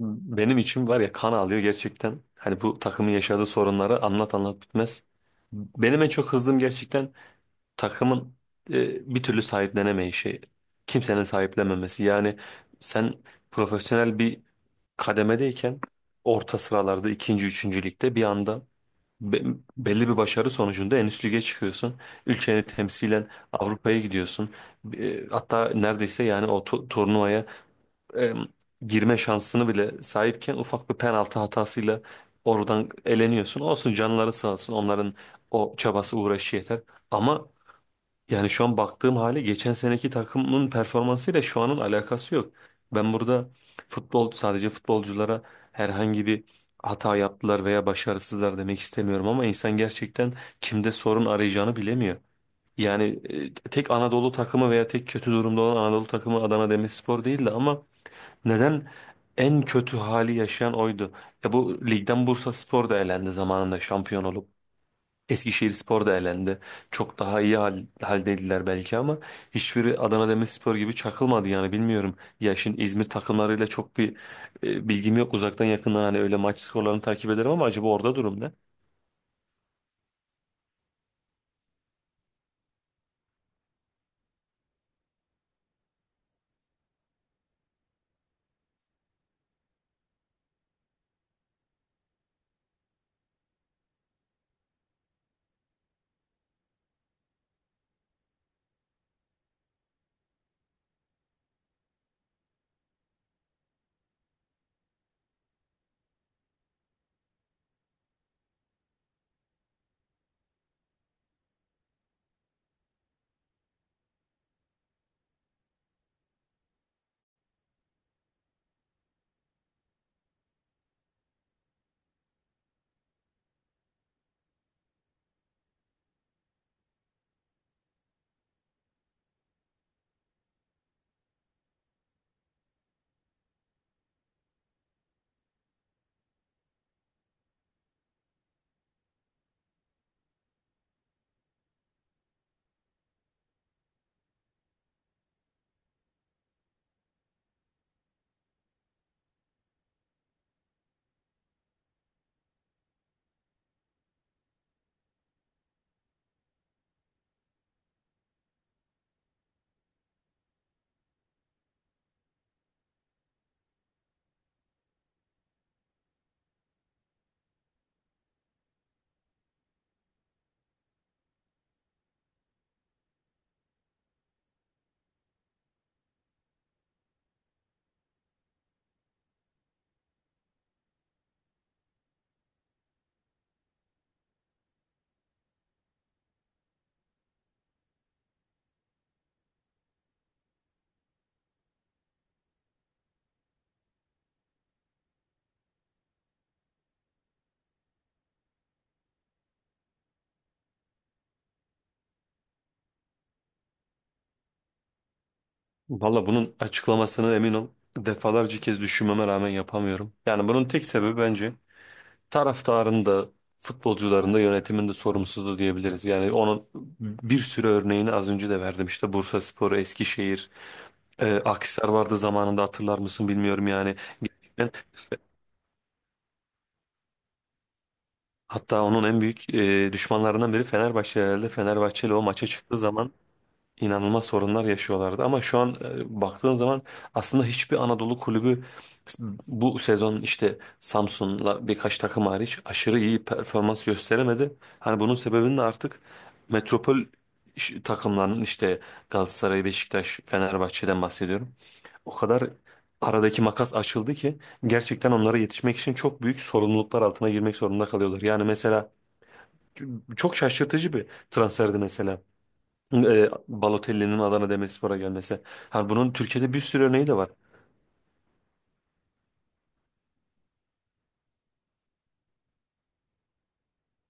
Benim için var ya, kan ağlıyor gerçekten. Hani bu takımın yaşadığı sorunları anlat anlat bitmez. Benim en çok kızdığım gerçekten takımın bir türlü sahiplenemeyişi. Kimsenin sahiplenmemesi. Yani sen profesyonel bir kademedeyken orta sıralarda ikinci, üçüncü ligde bir anda be- belli bir başarı sonucunda en üst lige çıkıyorsun. Ülkeni temsilen Avrupa'ya gidiyorsun. E, hatta neredeyse yani o turnuvaya e, girme şansını bile sahipken ufak bir penaltı hatasıyla oradan eleniyorsun. Olsun, canları sağ olsun, onların o çabası uğraşı yeter. Ama yani şu an baktığım hali, geçen seneki takımın performansıyla şu anın alakası yok. Ben burada futbol sadece futbolculara herhangi bir hata yaptılar veya başarısızlar demek istemiyorum, ama insan gerçekten kimde sorun arayacağını bilemiyor. Yani tek Anadolu takımı veya tek kötü durumda olan Anadolu takımı Adana Demirspor değildi ama neden? En kötü hali yaşayan oydu. Ya bu ligden Bursaspor da elendi zamanında şampiyon olup. Eskişehirspor da elendi. Çok daha iyi haldeydiler belki ama hiçbiri Adana Demirspor gibi çakılmadı, yani bilmiyorum. Ya şimdi İzmir takımlarıyla çok bir bilgim yok, uzaktan yakından hani öyle maç skorlarını takip ederim ama acaba orada durum ne? Valla bunun açıklamasını emin ol, defalarca kez düşünmeme rağmen yapamıyorum. Yani bunun tek sebebi bence taraftarın da futbolcuların da yönetimin de sorumsuzluğu diyebiliriz. Yani onun bir sürü örneğini az önce de verdim. İşte Bursaspor, Eskişehir, Akhisar vardı zamanında, hatırlar mısın bilmiyorum yani. Gerçekten hatta onun en büyük düşmanlarından biri Fenerbahçe herhalde. Fenerbahçe ile o maça çıktığı zaman inanılmaz sorunlar yaşıyorlardı. Ama şu an baktığın zaman aslında hiçbir Anadolu kulübü bu sezon işte Samsun'la birkaç takım hariç aşırı iyi performans gösteremedi. Hani bunun sebebini de artık metropol takımlarının, işte Galatasaray, Beşiktaş, Fenerbahçe'den bahsediyorum. O kadar aradaki makas açıldı ki gerçekten onlara yetişmek için çok büyük sorumluluklar altına girmek zorunda kalıyorlar. Yani mesela çok şaşırtıcı bir transferdi mesela. E, Balotelli'nin Adana Demirspor'a gelmesi. Hani bunun Türkiye'de bir sürü örneği de var.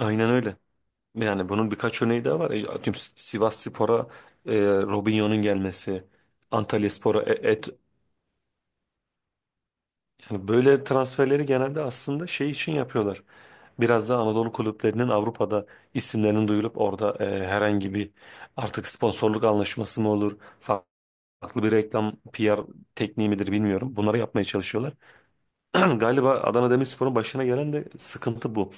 Aynen öyle. Yani bunun birkaç örneği daha var. E, atıyorum, Sivasspor'a Robinho'nun gelmesi, Antalyaspor'a et, yani böyle transferleri genelde aslında şey için yapıyorlar. Biraz da Anadolu kulüplerinin Avrupa'da isimlerinin duyulup orada herhangi bir, artık sponsorluk anlaşması mı olur, farklı bir reklam PR tekniği midir bilmiyorum. Bunları yapmaya çalışıyorlar. Galiba Adana Demirspor'un başına gelen de sıkıntı bu.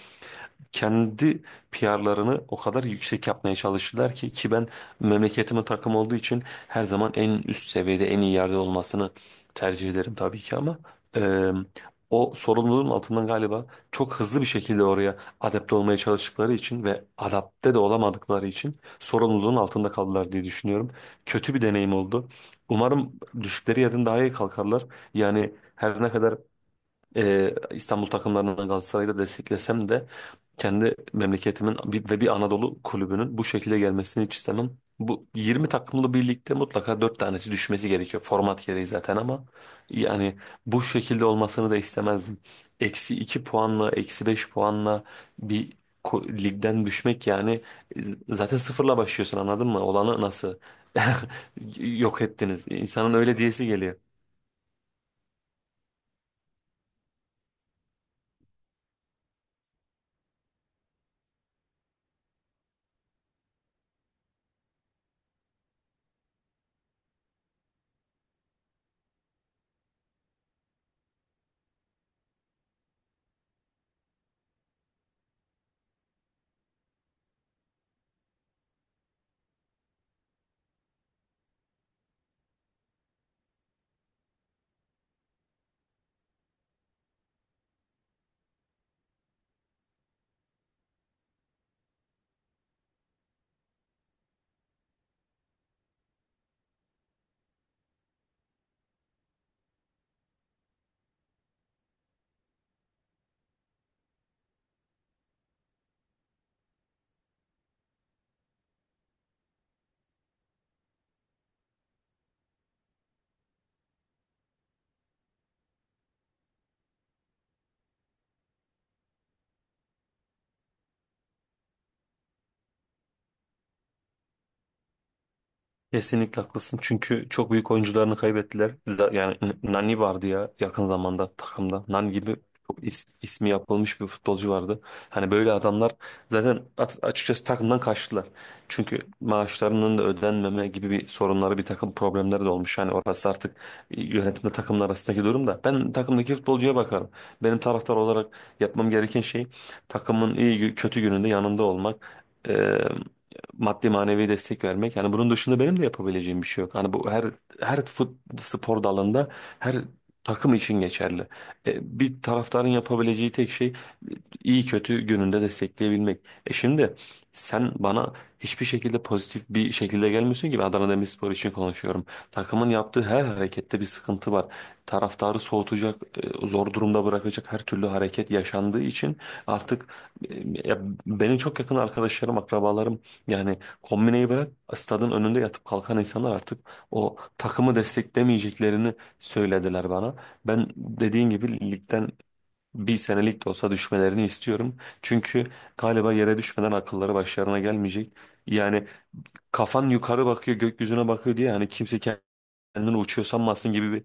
Kendi PR'larını o kadar yüksek yapmaya çalıştılar ki ben memleketimin takım olduğu için her zaman en üst seviyede en iyi yerde olmasını tercih ederim tabii ki, ama e, o sorumluluğun altından galiba çok hızlı bir şekilde oraya adapte olmaya çalıştıkları için ve adapte de olamadıkları için sorumluluğun altında kaldılar diye düşünüyorum. Kötü bir deneyim oldu. Umarım düştükleri yerden daha iyi kalkarlar. Yani her ne kadar İstanbul takımlarını, Galatasaray'da desteklesem de kendi memleketimin ve bir Anadolu kulübünün bu şekilde gelmesini hiç istemem. Bu 20 takımlı birlikte mutlaka 4 tanesi düşmesi gerekiyor. Format gereği zaten, ama yani bu şekilde olmasını da istemezdim. Eksi 2 puanla, eksi 5 puanla bir ligden düşmek, yani zaten sıfırla başlıyorsun, anladın mı? Olanı nasıl yok ettiniz? İnsanın öyle diyesi geliyor. Kesinlikle haklısın, çünkü çok büyük oyuncularını kaybettiler. Yani Nani vardı ya yakın zamanda takımda. Nani gibi çok ismi yapılmış bir futbolcu vardı. Hani böyle adamlar zaten açıkçası takımdan kaçtılar. Çünkü maaşlarının da ödenmeme gibi bir sorunları, bir takım problemleri de olmuş. Yani orası artık yönetimle takımın arasındaki durum da. Ben takımdaki futbolcuya bakarım. Benim taraftar olarak yapmam gereken şey, takımın iyi kötü gününde yanında olmak, maddi manevi destek vermek. Yani bunun dışında benim de yapabileceğim bir şey yok. Hani bu her her spor dalında her takım için geçerli. E, bir taraftarın yapabileceği tek şey iyi kötü gününde destekleyebilmek. E şimdi sen bana hiçbir şekilde pozitif bir şekilde gelmiyorsun ki ben Adana Demirspor için konuşuyorum. Takımın yaptığı her harekette bir sıkıntı var. Taraftarı soğutacak, zor durumda bırakacak her türlü hareket yaşandığı için artık e, ya benim çok yakın arkadaşlarım, akrabalarım yani kombineyi bırak, stadın önünde yatıp kalkan insanlar artık o takımı desteklemeyeceklerini söylediler bana. Ben dediğin gibi ligden bir senelik de olsa düşmelerini istiyorum. Çünkü galiba yere düşmeden akılları başlarına gelmeyecek. Yani kafan yukarı bakıyor, gökyüzüne bakıyor diye yani kimse kendini uçuyor sanmasın gibi bir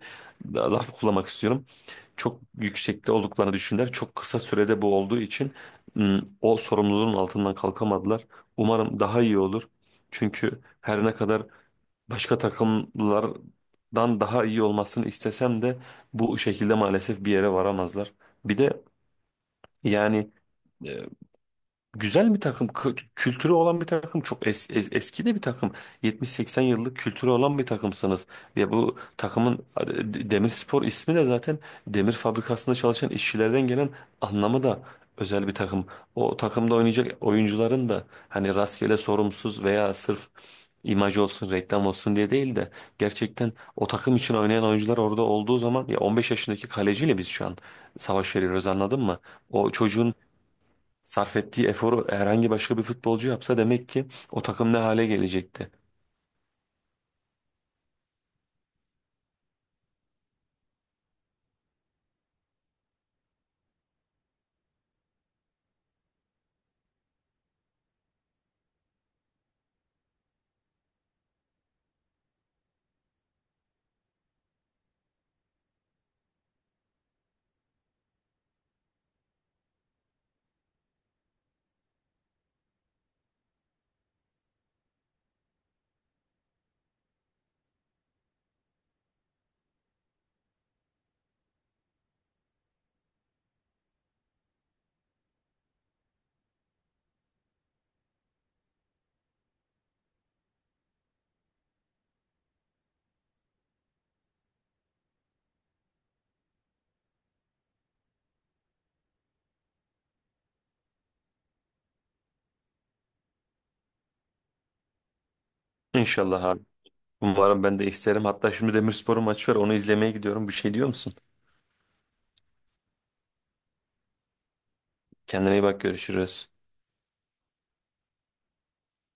laf kullanmak istiyorum. Çok yüksekte olduklarını düşündüler. Çok kısa sürede bu olduğu için o sorumluluğun altından kalkamadılar. Umarım daha iyi olur. Çünkü her ne kadar başka takımlardan daha iyi olmasını istesem de bu şekilde maalesef bir yere varamazlar. Bir de yani güzel bir takım, kültürü olan bir takım, çok eski de bir takım. 70-80 yıllık kültürü olan bir takımsınız. Ve bu takımın Demirspor ismi de zaten demir fabrikasında çalışan işçilerden gelen anlamı da özel bir takım. O takımda oynayacak oyuncuların da hani rastgele sorumsuz veya sırf imaj olsun, reklam olsun diye değil de gerçekten o takım için oynayan oyuncular orada olduğu zaman, ya 15 yaşındaki kaleciyle biz şu an savaş veriyoruz, anladın mı? O çocuğun sarf ettiği eforu herhangi başka bir futbolcu yapsa, demek ki o takım ne hale gelecekti. İnşallah abi. Umarım, ben de isterim. Hatta şimdi Demirspor'un maçı var. Onu izlemeye gidiyorum. Bir şey diyor musun? Kendine iyi bak. Görüşürüz.